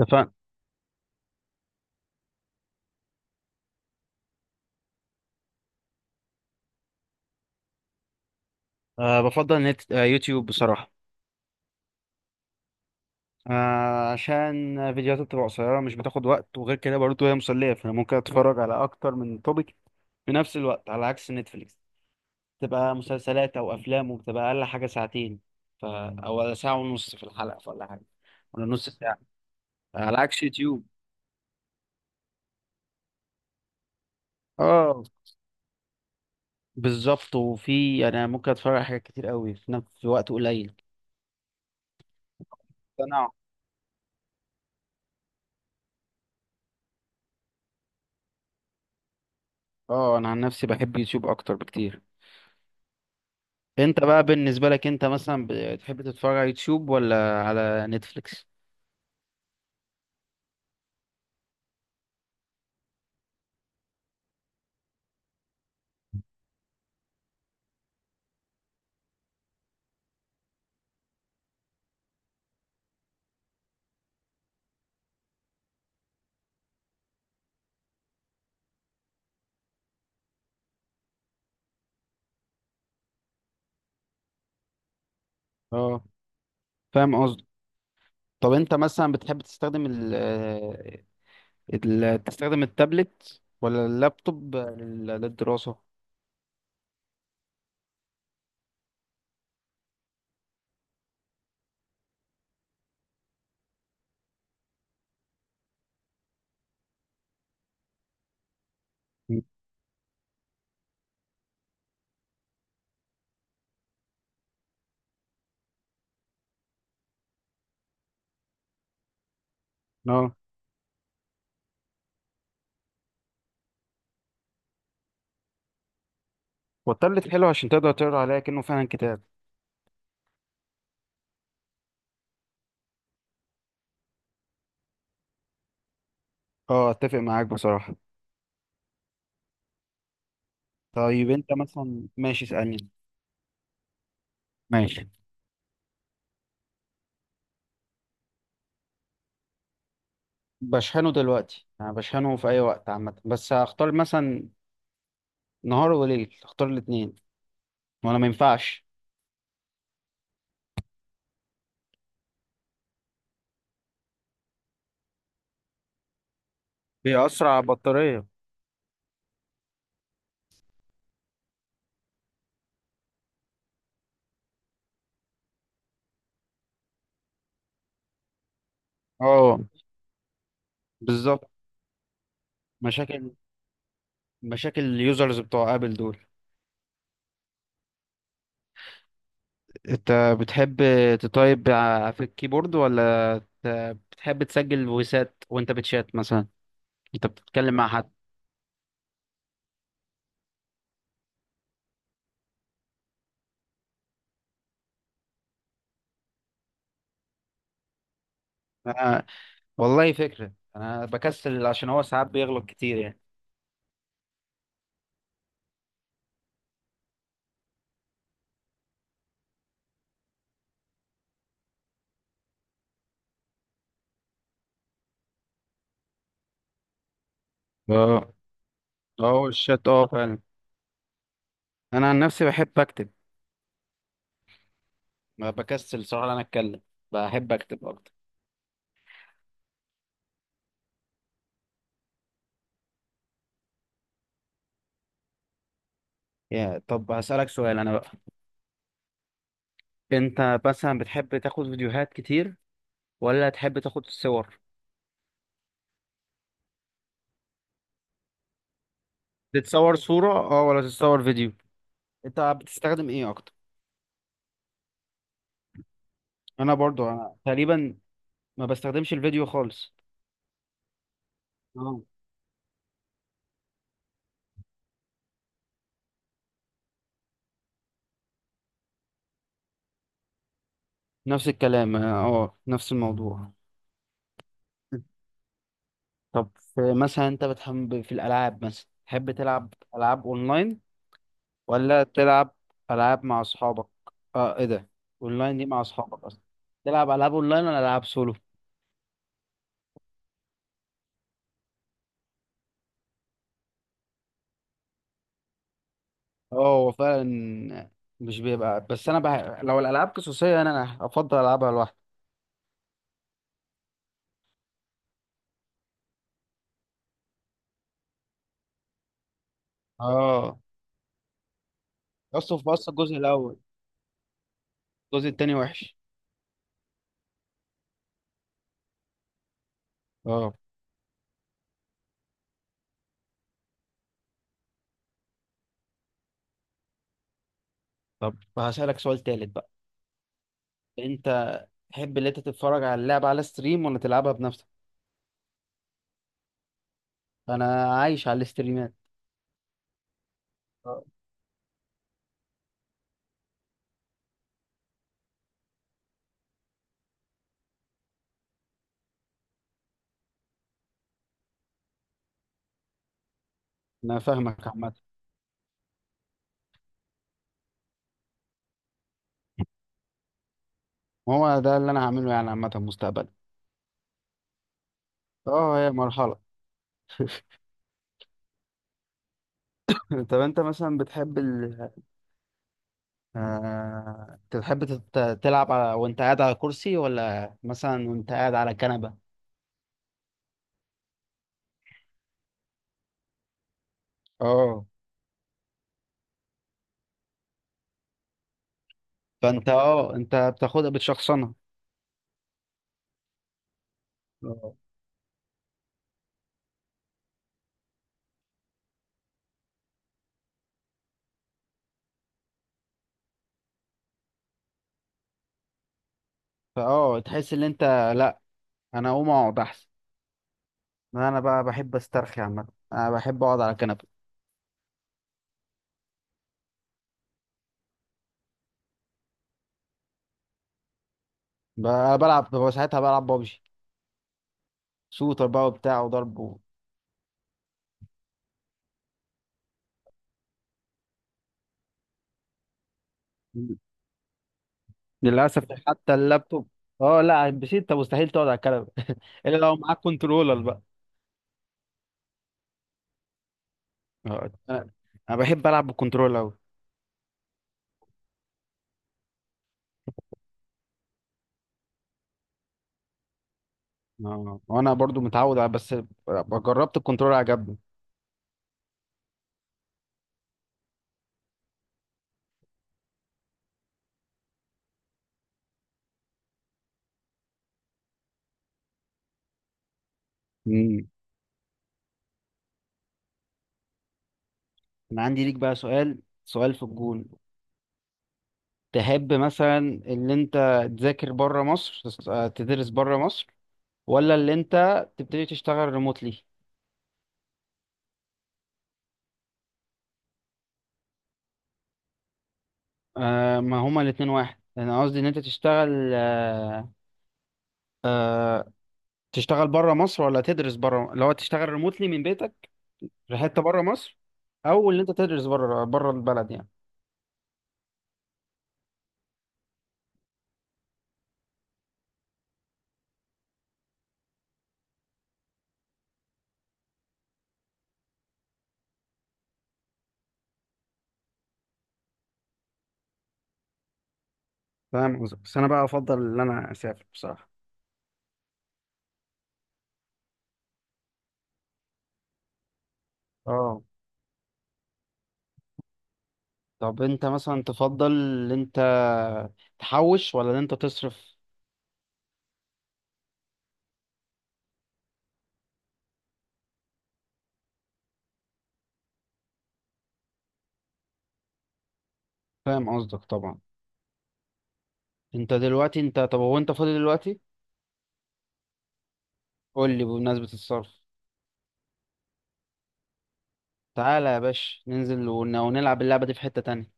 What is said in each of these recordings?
اتفقنا. أه، بفضل نت آه، يوتيوب بصراحة. أه، عشان فيديوهات بتبقى قصيرة، مش بتاخد وقت، وغير كده برضه هي مسلية، فأنا ممكن أتفرج على أكتر من توبيك في نفس الوقت، على عكس نتفليكس تبقى مسلسلات أو أفلام وبتبقى أقل حاجة ساعتين، أو ساعة ونص في الحلقة ولا حاجة، ولا نص ساعة، على عكس يوتيوب. اه بالظبط، أنا ممكن أتفرج على حاجات كتير قوي في نفس في وقت قليل. تنوع. اه، أنا عن نفسي بحب يوتيوب أكتر بكتير. انت بقى بالنسبة لك انت مثلا بتحب تتفرج على يوتيوب ولا على نتفليكس؟ اه، فاهم قصدي. طب انت مثلا بتحب تستخدم تستخدم التابلت ولا اللابتوب للدراسة؟ مم. اه، والتابلت حلو عشان تقدر تقرا عليها كأنه فعلا كتاب. اه اتفق معاك بصراحة. طيب انت مثلا، ماشي اسألني. ماشي. بشحنه دلوقتي، يعني بشحنه في اي وقت عامة، بس هختار مثلا نهار وليل، اختار الاتنين، وانا ما ينفعش. بيأثر على البطارية. اه بالظبط. مشاكل، مشاكل اليوزرز بتوع ابل دول. انت بتحب في الكيبورد، ت- بتحب تسجل فويسات وانت بتشات مثلا، انت بتتكلم مع حد؟ أنا والله فكرة، انا بكسل عشان هو ساعات بيغلط كتير يعني. اه. اه الشات، اه فعلا. انا عن نفسي بحب اكتب، ما بكسل صراحة انا اتكلم، بحب اكتب اكتر. يا طب هسألك سؤال انا بقى، انت مثلا بتحب تاخد فيديوهات كتير ولا تحب تاخد صور؟ تتصور صورة اه ولا تتصور فيديو؟ انت بتستخدم ايه اكتر؟ انا تقريبا ما بستخدمش الفيديو خالص. اه نفس الكلام، اه آه، نفس الموضوع. طب مثلا انت بتحب في الالعاب، مثلا تحب تلعب العاب اونلاين ولا تلعب العاب مع اصحابك؟ اه ايه ده، اونلاين دي مع اصحابك اصلا؟ تلعب العاب اونلاين ولا العاب سولو؟ اه هو فعلا مش بيبقى، بس لو الالعاب قصصيه أنا افضل العبها لوحدي. اه، اصلا الجزء الاول، الجزء التاني وحش. اه. طب هسألك سؤال تالت بقى. انت تحب اللي انت تتفرج على اللعبة على ستريم ولا تلعبها بنفسك؟ انا عايش على الاستريمات. اه، انا فاهمك عامة. هو ده اللي انا هعمله يعني، عامة مستقبلا. اه هي مرحلة. طب انت مثلا بتحب تحب تلعب على، وانت قاعد على كرسي ولا مثلا وانت قاعد على كنبة؟ اه، فانت اه انت بتاخدها بتشخصنها. آه. فاه تحس ان انت، لا انا اقوم اقعد احسن. ما انا بقى بحب استرخي عامه، انا بحب اقعد على الكنبه. بلعب، ببقى ساعتها بلعب بابجي، شوتر بقى وبتاع وضرب و... للاسف حتى اللابتوب. اه لا على البي سي انت مستحيل تقعد على الكنبه. الا لو معاك كنترولر بقى. آه، انا أنا بحب العب بالكنترولر قوي. اه وانا برضو متعود على، بس جربت الكنترولر عجبني. مم. انا عندي ليك بقى سؤال، سؤال في الجون. تحب مثلا اللي انت تذاكر بره مصر، تدرس بره مصر، ولا اللي انت تبتدي تشتغل ريموتلي؟ آه، ما هما الاتنين واحد، انا قصدي ان انت تشتغل آه، تشتغل بره مصر، ولا تدرس بره، اللي هو تشتغل ريموتلي من بيتك في حته بره مصر، او اللي انت تدرس بره، بره البلد يعني. فاهم قصدك، بس انا بقى افضل ان انا اسافر بصراحه. اه. طب انت مثلا تفضل ان انت تحوش ولا ان انت تصرف؟ فاهم قصدك طبعا. انت دلوقتي انت طب هو انت فاضي دلوقتي؟ قول لي بمناسبة الصرف. تعالى يا باشا ننزل ونلعب اللعبة دي في حتة تانية.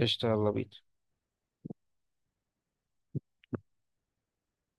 قشطة يلا بينا.